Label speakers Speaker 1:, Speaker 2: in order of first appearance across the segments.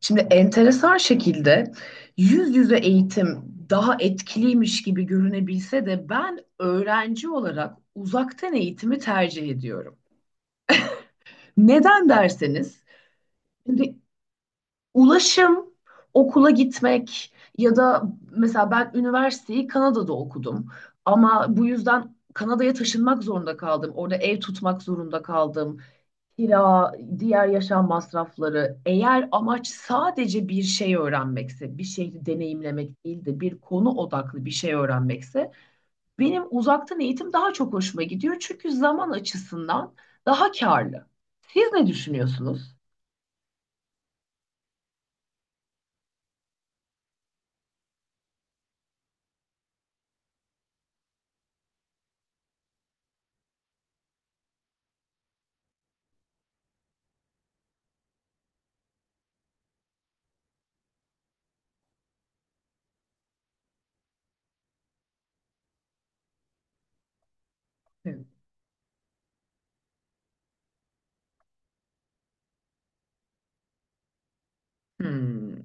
Speaker 1: Şimdi enteresan şekilde yüz yüze eğitim daha etkiliymiş gibi görünebilse de ben öğrenci olarak uzaktan eğitimi tercih ediyorum. Neden derseniz, şimdi ulaşım, okula gitmek ya da mesela ben üniversiteyi Kanada'da okudum ama bu yüzden Kanada'ya taşınmak zorunda kaldım. Orada ev tutmak zorunda kaldım, kira, diğer yaşam masrafları. Eğer amaç sadece bir şey öğrenmekse, bir şeyi deneyimlemek değil de bir konu odaklı bir şey öğrenmekse, benim uzaktan eğitim daha çok hoşuma gidiyor. Çünkü zaman açısından daha karlı. Siz ne düşünüyorsunuz? Evet, hmm,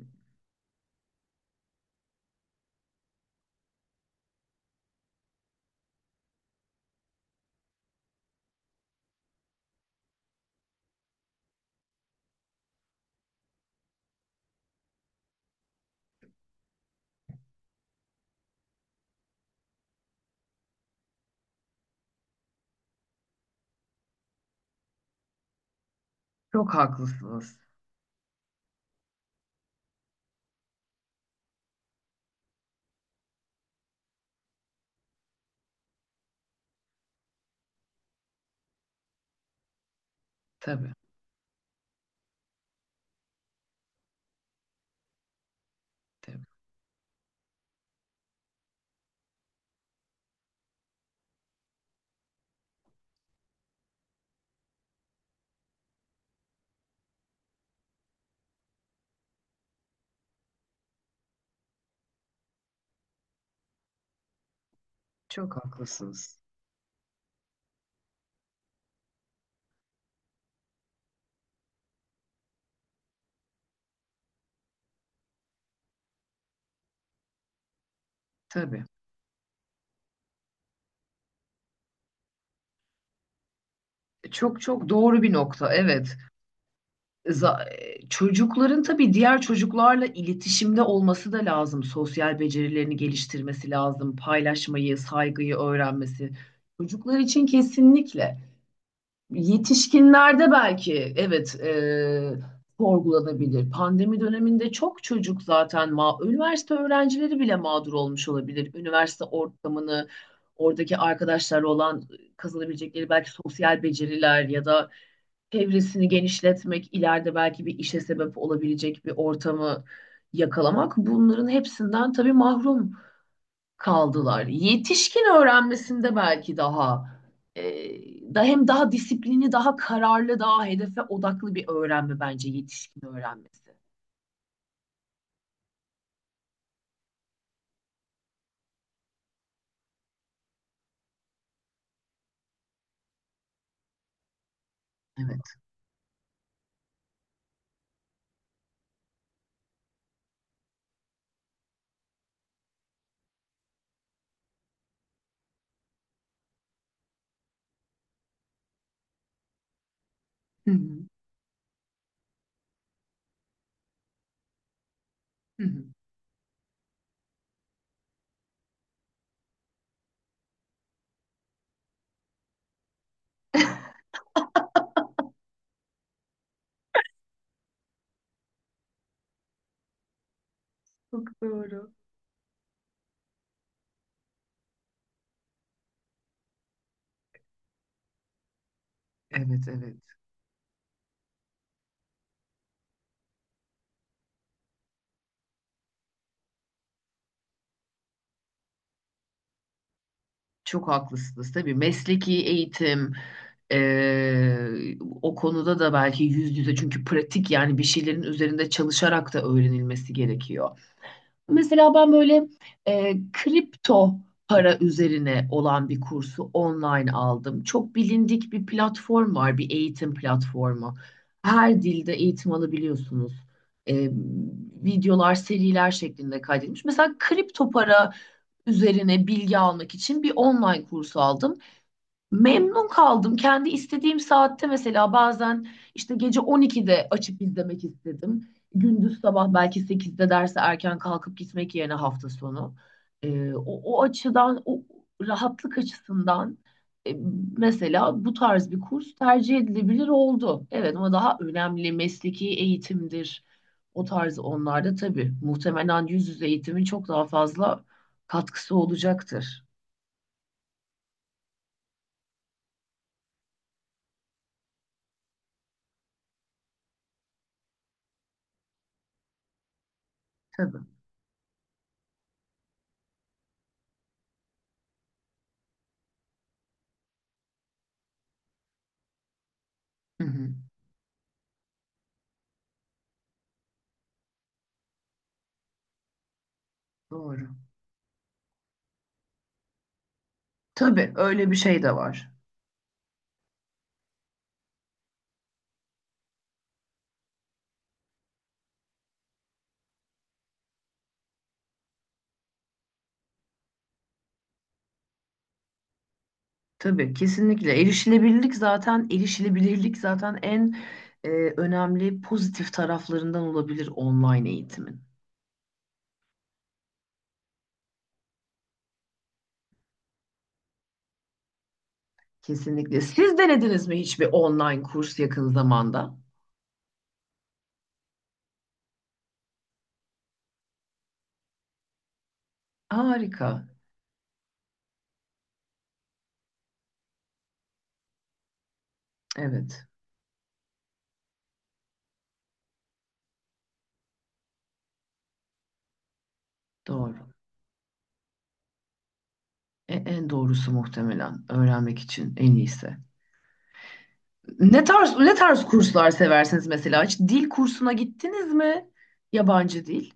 Speaker 1: çok haklısınız. Tabii, tabii. Çok haklısınız. Tabii. Çok çok doğru bir nokta. Evet. Çocukların tabii diğer çocuklarla iletişimde olması da lazım. Sosyal becerilerini geliştirmesi lazım. Paylaşmayı, saygıyı öğrenmesi. Çocuklar için kesinlikle. Yetişkinlerde belki evet, sorgulanabilir. Pandemi döneminde çok çocuk zaten üniversite öğrencileri bile mağdur olmuş olabilir. Üniversite ortamını, oradaki arkadaşlarla olan kazanabilecekleri belki sosyal beceriler ya da çevresini genişletmek, ileride belki bir işe sebep olabilecek bir ortamı yakalamak, bunların hepsinden tabii mahrum kaldılar. Yetişkin öğrenmesinde belki daha e, da hem daha disiplinli, daha kararlı, daha hedefe odaklı bir öğrenme bence yetişkin öğrenmesi. Evet. Hı hı. Hı hı. Çok doğru. Evet, evet. Çok haklısınız tabii. Mesleki eğitim, o konuda da belki yüz yüze, çünkü pratik yani bir şeylerin üzerinde çalışarak da öğrenilmesi gerekiyor. Mesela ben böyle kripto para üzerine olan bir kursu online aldım. Çok bilindik bir platform var, bir eğitim platformu. Her dilde eğitim alabiliyorsunuz. E, Videolar, seriler şeklinde kaydedilmiş. Mesela kripto para üzerine bilgi almak için bir online kurs aldım. Memnun kaldım. Kendi istediğim saatte, mesela bazen işte gece 12'de açıp izlemek istedim. Gündüz sabah belki 8'de derse erken kalkıp gitmek yerine hafta sonu. Ee, o, o açıdan, o rahatlık açısından e, mesela bu tarz bir kurs tercih edilebilir oldu. Evet, ama daha önemli mesleki eğitimdir. O tarz onlarda tabii muhtemelen yüz yüze eğitimin çok daha fazla katkısı olacaktır. Tabii. Hı hı. Doğru. Tabii öyle bir şey de var. Tabii kesinlikle, erişilebilirlik zaten, erişilebilirlik zaten en e, önemli pozitif taraflarından olabilir online eğitimin. Kesinlikle. Siz denediniz mi hiçbir online kurs yakın zamanda? Harika. Evet, doğru. En doğrusu muhtemelen öğrenmek için en iyisi. Ne tarz, ne tarz kurslar seversiniz mesela? Hiç dil kursuna gittiniz mi? Yabancı dil.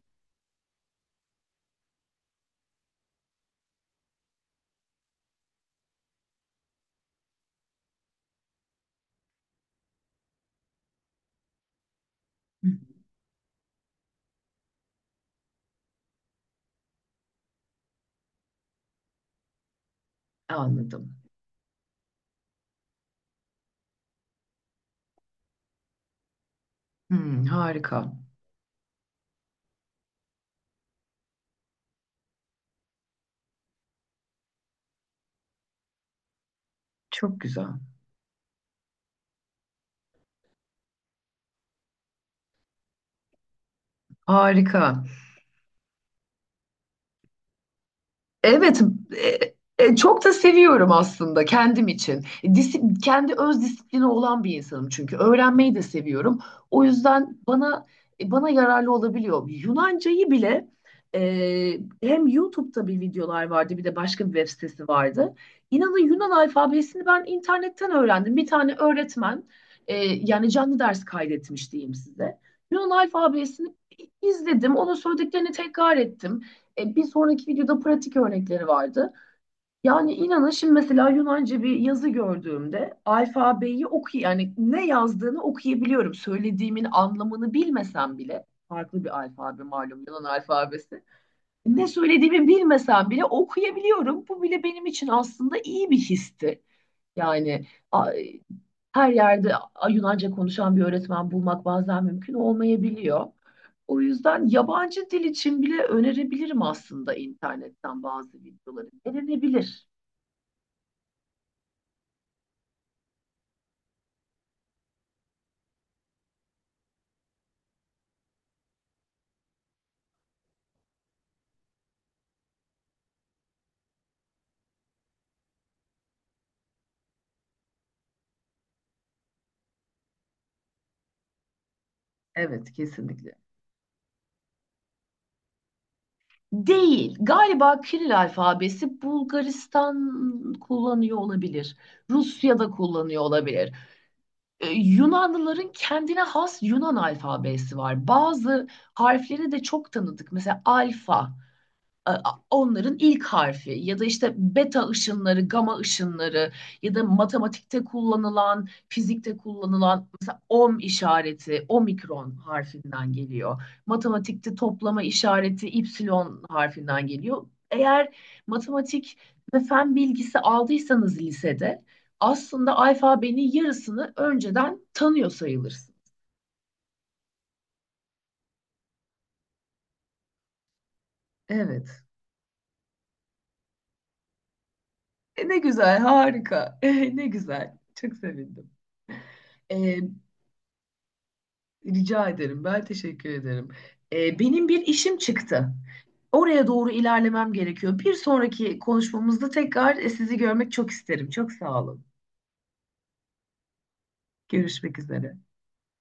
Speaker 1: Hı. Anladım. Hmm, harika. Çok güzel. Harika. Evet, çok da seviyorum aslında kendim için. Kendi öz disiplini olan bir insanım, çünkü öğrenmeyi de seviyorum. O yüzden bana yararlı olabiliyor. Yunancayı bile e, hem YouTube'da bir videolar vardı, bir de başka bir web sitesi vardı. İnanın Yunan alfabesini ben internetten öğrendim. Bir tane öğretmen yani canlı ders kaydetmiş diyeyim size. Yunan alfabesini izledim, onun söylediklerini tekrar ettim. Bir sonraki videoda pratik örnekleri vardı. Yani inanın şimdi mesela Yunanca bir yazı gördüğümde alfabeyi yani ne yazdığını okuyabiliyorum. Söylediğimin anlamını bilmesem bile, farklı bir alfabe malum Yunan alfabesi. Ne söylediğimi bilmesem bile okuyabiliyorum. Bu bile benim için aslında iyi bir histi. Yani her yerde Yunanca konuşan bir öğretmen bulmak bazen mümkün olmayabiliyor. O yüzden yabancı dil için bile önerebilirim aslında internetten bazı videoları. Denenebilir. Evet, kesinlikle. Değil. Galiba Kiril alfabesi Bulgaristan kullanıyor olabilir. Rusya'da kullanıyor olabilir. Yunanlıların kendine has Yunan alfabesi var. Bazı harfleri de çok tanıdık. Mesela alfa, e, onların ilk harfi ya da işte beta ışınları, gama ışınları ya da matematikte kullanılan, fizikte kullanılan mesela ohm işareti, omikron harfinden geliyor. Matematikte toplama işareti ipsilon harfinden geliyor. Eğer matematik ve fen bilgisi aldıysanız lisede, aslında alfabenin yarısını önceden tanıyor sayılırsın. Evet. Ne güzel, harika. Ne güzel. Çok sevindim. E, Rica ederim. Ben teşekkür ederim. Benim bir işim çıktı. Oraya doğru ilerlemem gerekiyor. Bir sonraki konuşmamızda tekrar sizi görmek çok isterim. Çok sağ olun. Görüşmek üzere.